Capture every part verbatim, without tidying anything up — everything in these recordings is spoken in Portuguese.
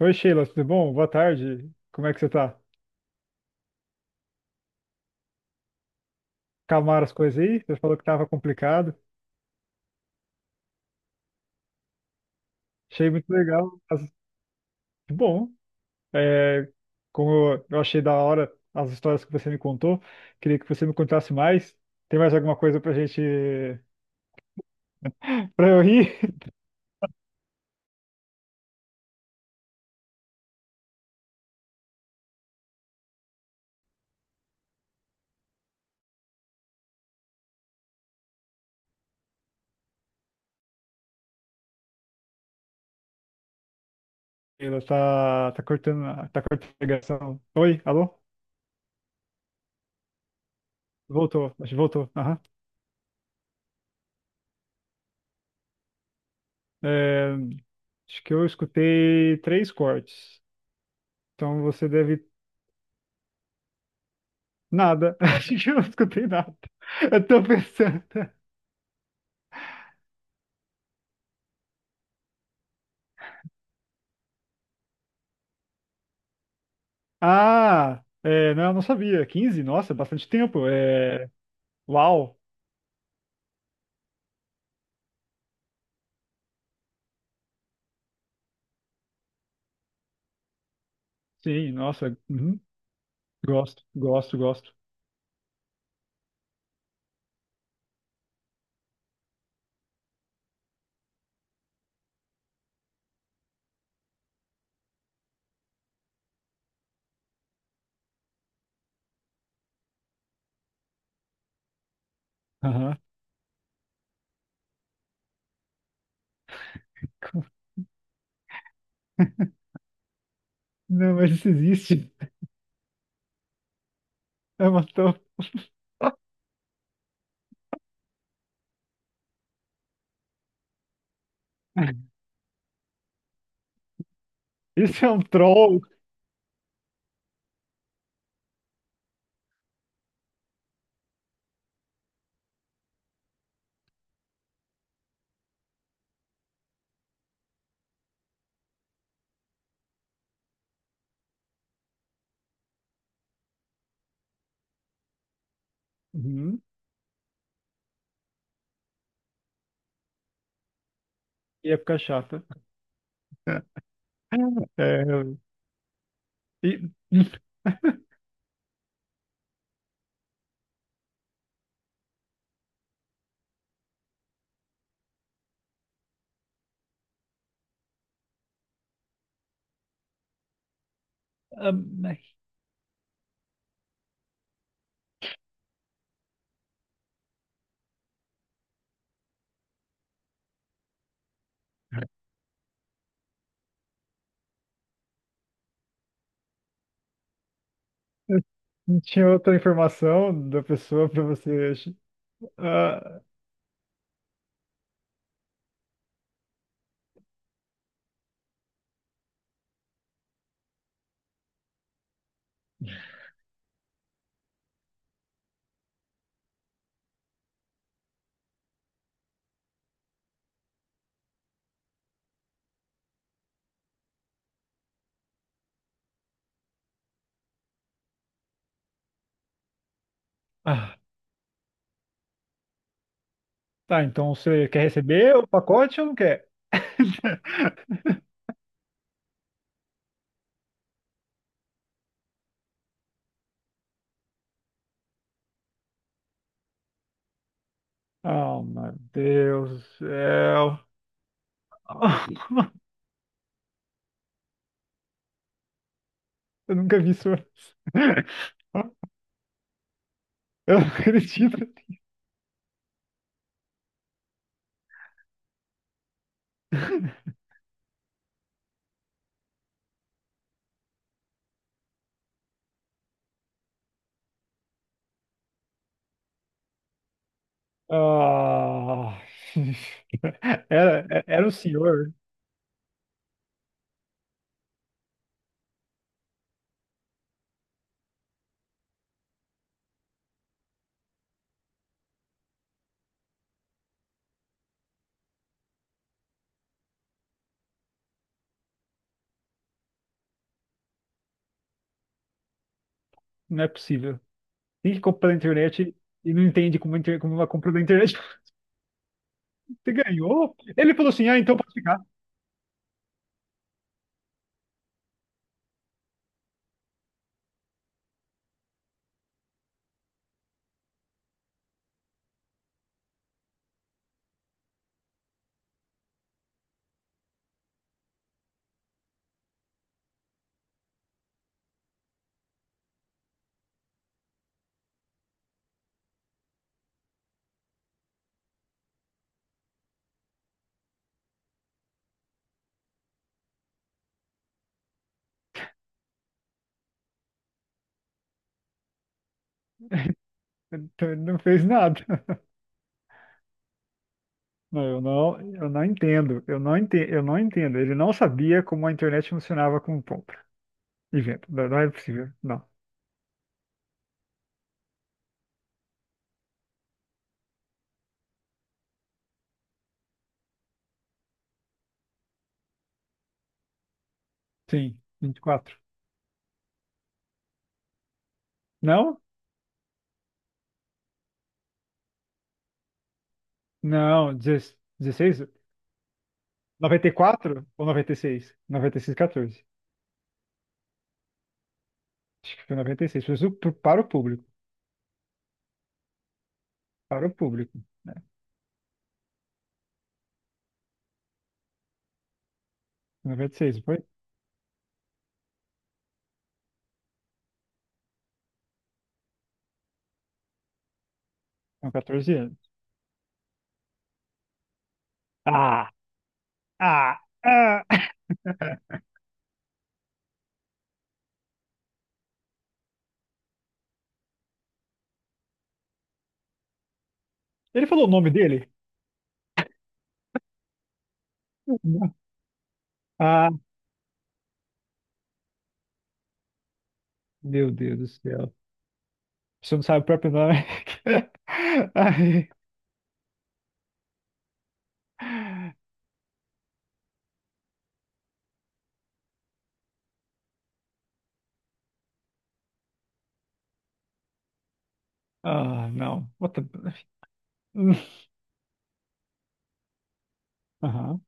Oi, Sheila, tudo bom? Boa tarde. Como é que você tá? Calmaram as coisas aí? Você falou que tava complicado. Achei muito legal. As... Que bom. é, Como eu eu achei da hora as histórias que você me contou, queria que você me contasse mais. Tem mais alguma coisa pra gente pra eu rir? Sheila, tá, tá cortando, a- tá cortando a ligação. Oi, alô? Voltou, acho que voltou. Aham. É, acho que eu escutei três cortes. Então você deve... Nada. A gente não escutei nada. Eu tô pensando. Ah, é, não, eu não sabia. Quinze, nossa, é bastante tempo. É, uau. Sim, nossa. Uhum. Gosto, gosto, gosto. Aham. Não, mas isso existe. É uma to- Isso é um troll. Uhum. E época chata. É, e- Ah, mas... Não tinha outra informação da pessoa pra você. ach- Ah, ah. Tá, então você quer receber o pacote ou não quer? Oh, meu Deus do céu. Eu nunca vi isso antes. Eu não acredito. Ah, era, era o senhor. Não é possível. Quem que compra na internet e não entende como, inter- como uma compra na internet? Você ganhou? Ele falou assim: ah, então pode ficar. Então, ele não fez nada. Não, eu não, eu não entendo. Eu não entendo, eu não entendo. Ele não sabia como a internet funcionava com compra e venda. Não, não é possível. Não. Sim, vinte e quatro. Não? Não, dezesseis, dezesseis? Noventa e quatro ou noventa... Noventa e seis? Noventa e seis, catorze. Acho que foi noventa e seis. Foi su- pro- para o público. Para o público. Né? noventa e seis, não foi? Com catorze anos. Ah, ah, ah. Ele falou o nome dele? Ah, meu Deus do céu. Você não sabe o próprio nome. Ai. Ah, não. Puta... Aham.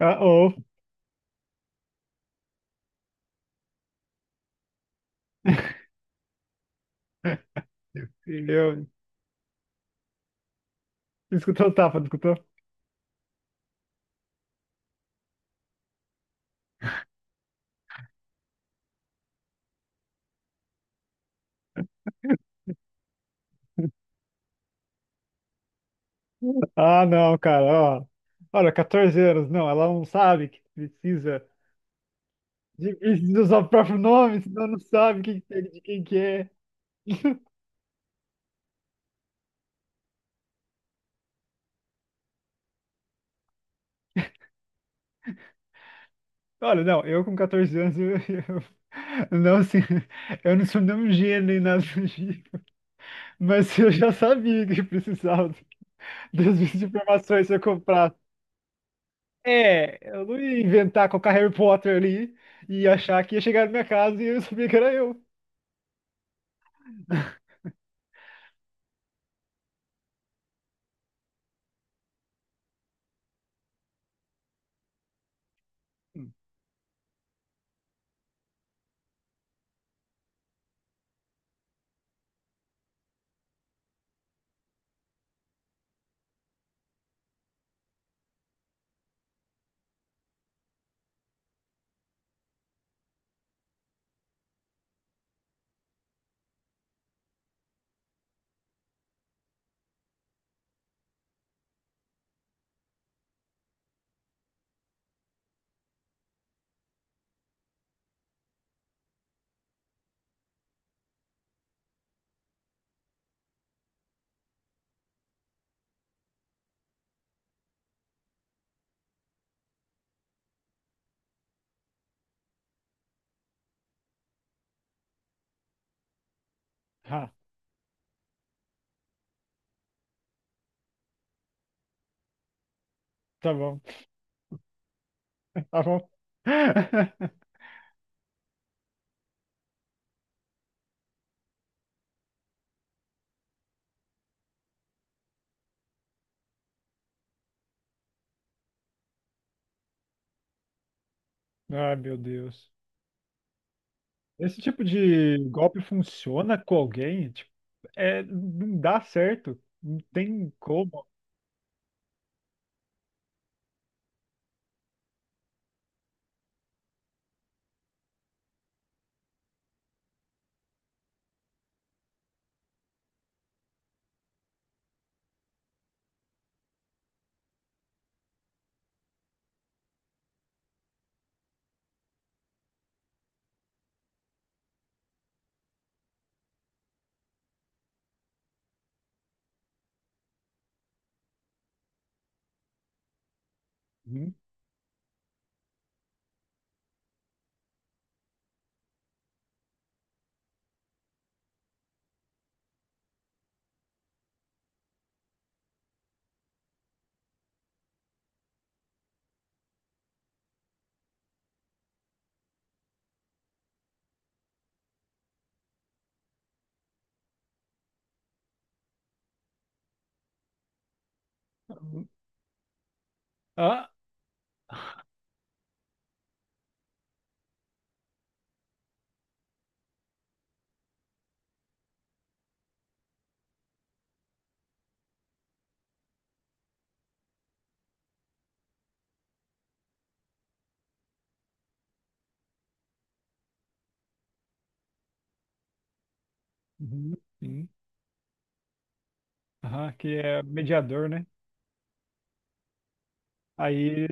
Ah, oh, eu... Escutou o tapa, não escutou? Ah, não, cara, ó. Olha, catorze anos, não, ela não sabe que precisa de, precisa usar o próprio nome, senão não sabe quem, que é, de quem que é. Olha, não, eu com catorze anos, eu, eu- não, assim, eu não sou nem um gênio nem nada do tipo, mas eu já sabia que precisava das minhas informações se eu comprasse. É, eu não ia inventar colocar Harry Potter ali e achar que ia chegar na minha casa e eu sabia que era eu. Hum. Ah, tá bom, tá bom. Ah, meu Deus. Esse tipo de golpe funciona com alguém? Tipo, é, não dá certo. Não tem como. Uhum. Ah, uhum, sim. Aham, que é mediador, né? Aí,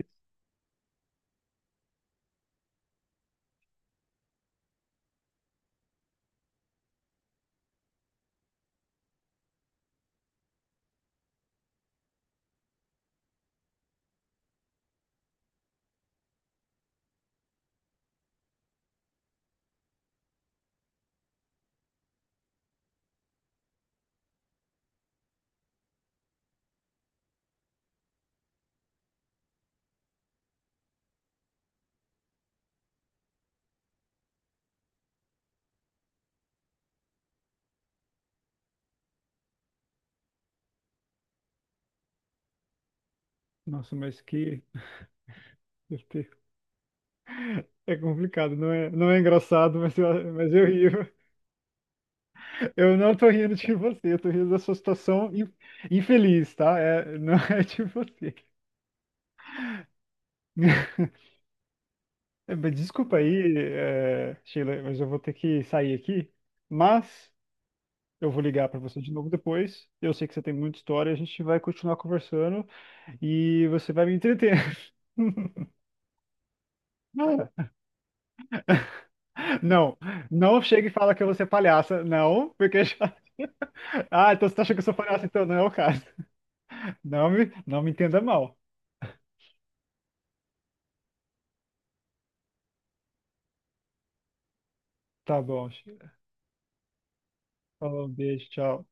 nossa, mas que... É complicado, não é, não é engraçado, mas eu, mas eu ri. Eu não tô rindo de você, eu tô rindo da sua situação in- infeliz, tá? É, não é de você. É, mas... Desculpa aí, é, Sheila, mas eu vou ter que sair aqui. Mas eu vou ligar para você de novo depois. Eu sei que você tem muita história, a gente vai continuar conversando e você vai me entreter. Não, não chega e fala que eu vou ser palhaça, não, porque já... Ah, então você tá achando que eu sou palhaça, então não é o caso. Não me, não me entenda mal. Tá bom, Sheila. Falou, um beijo, tchau.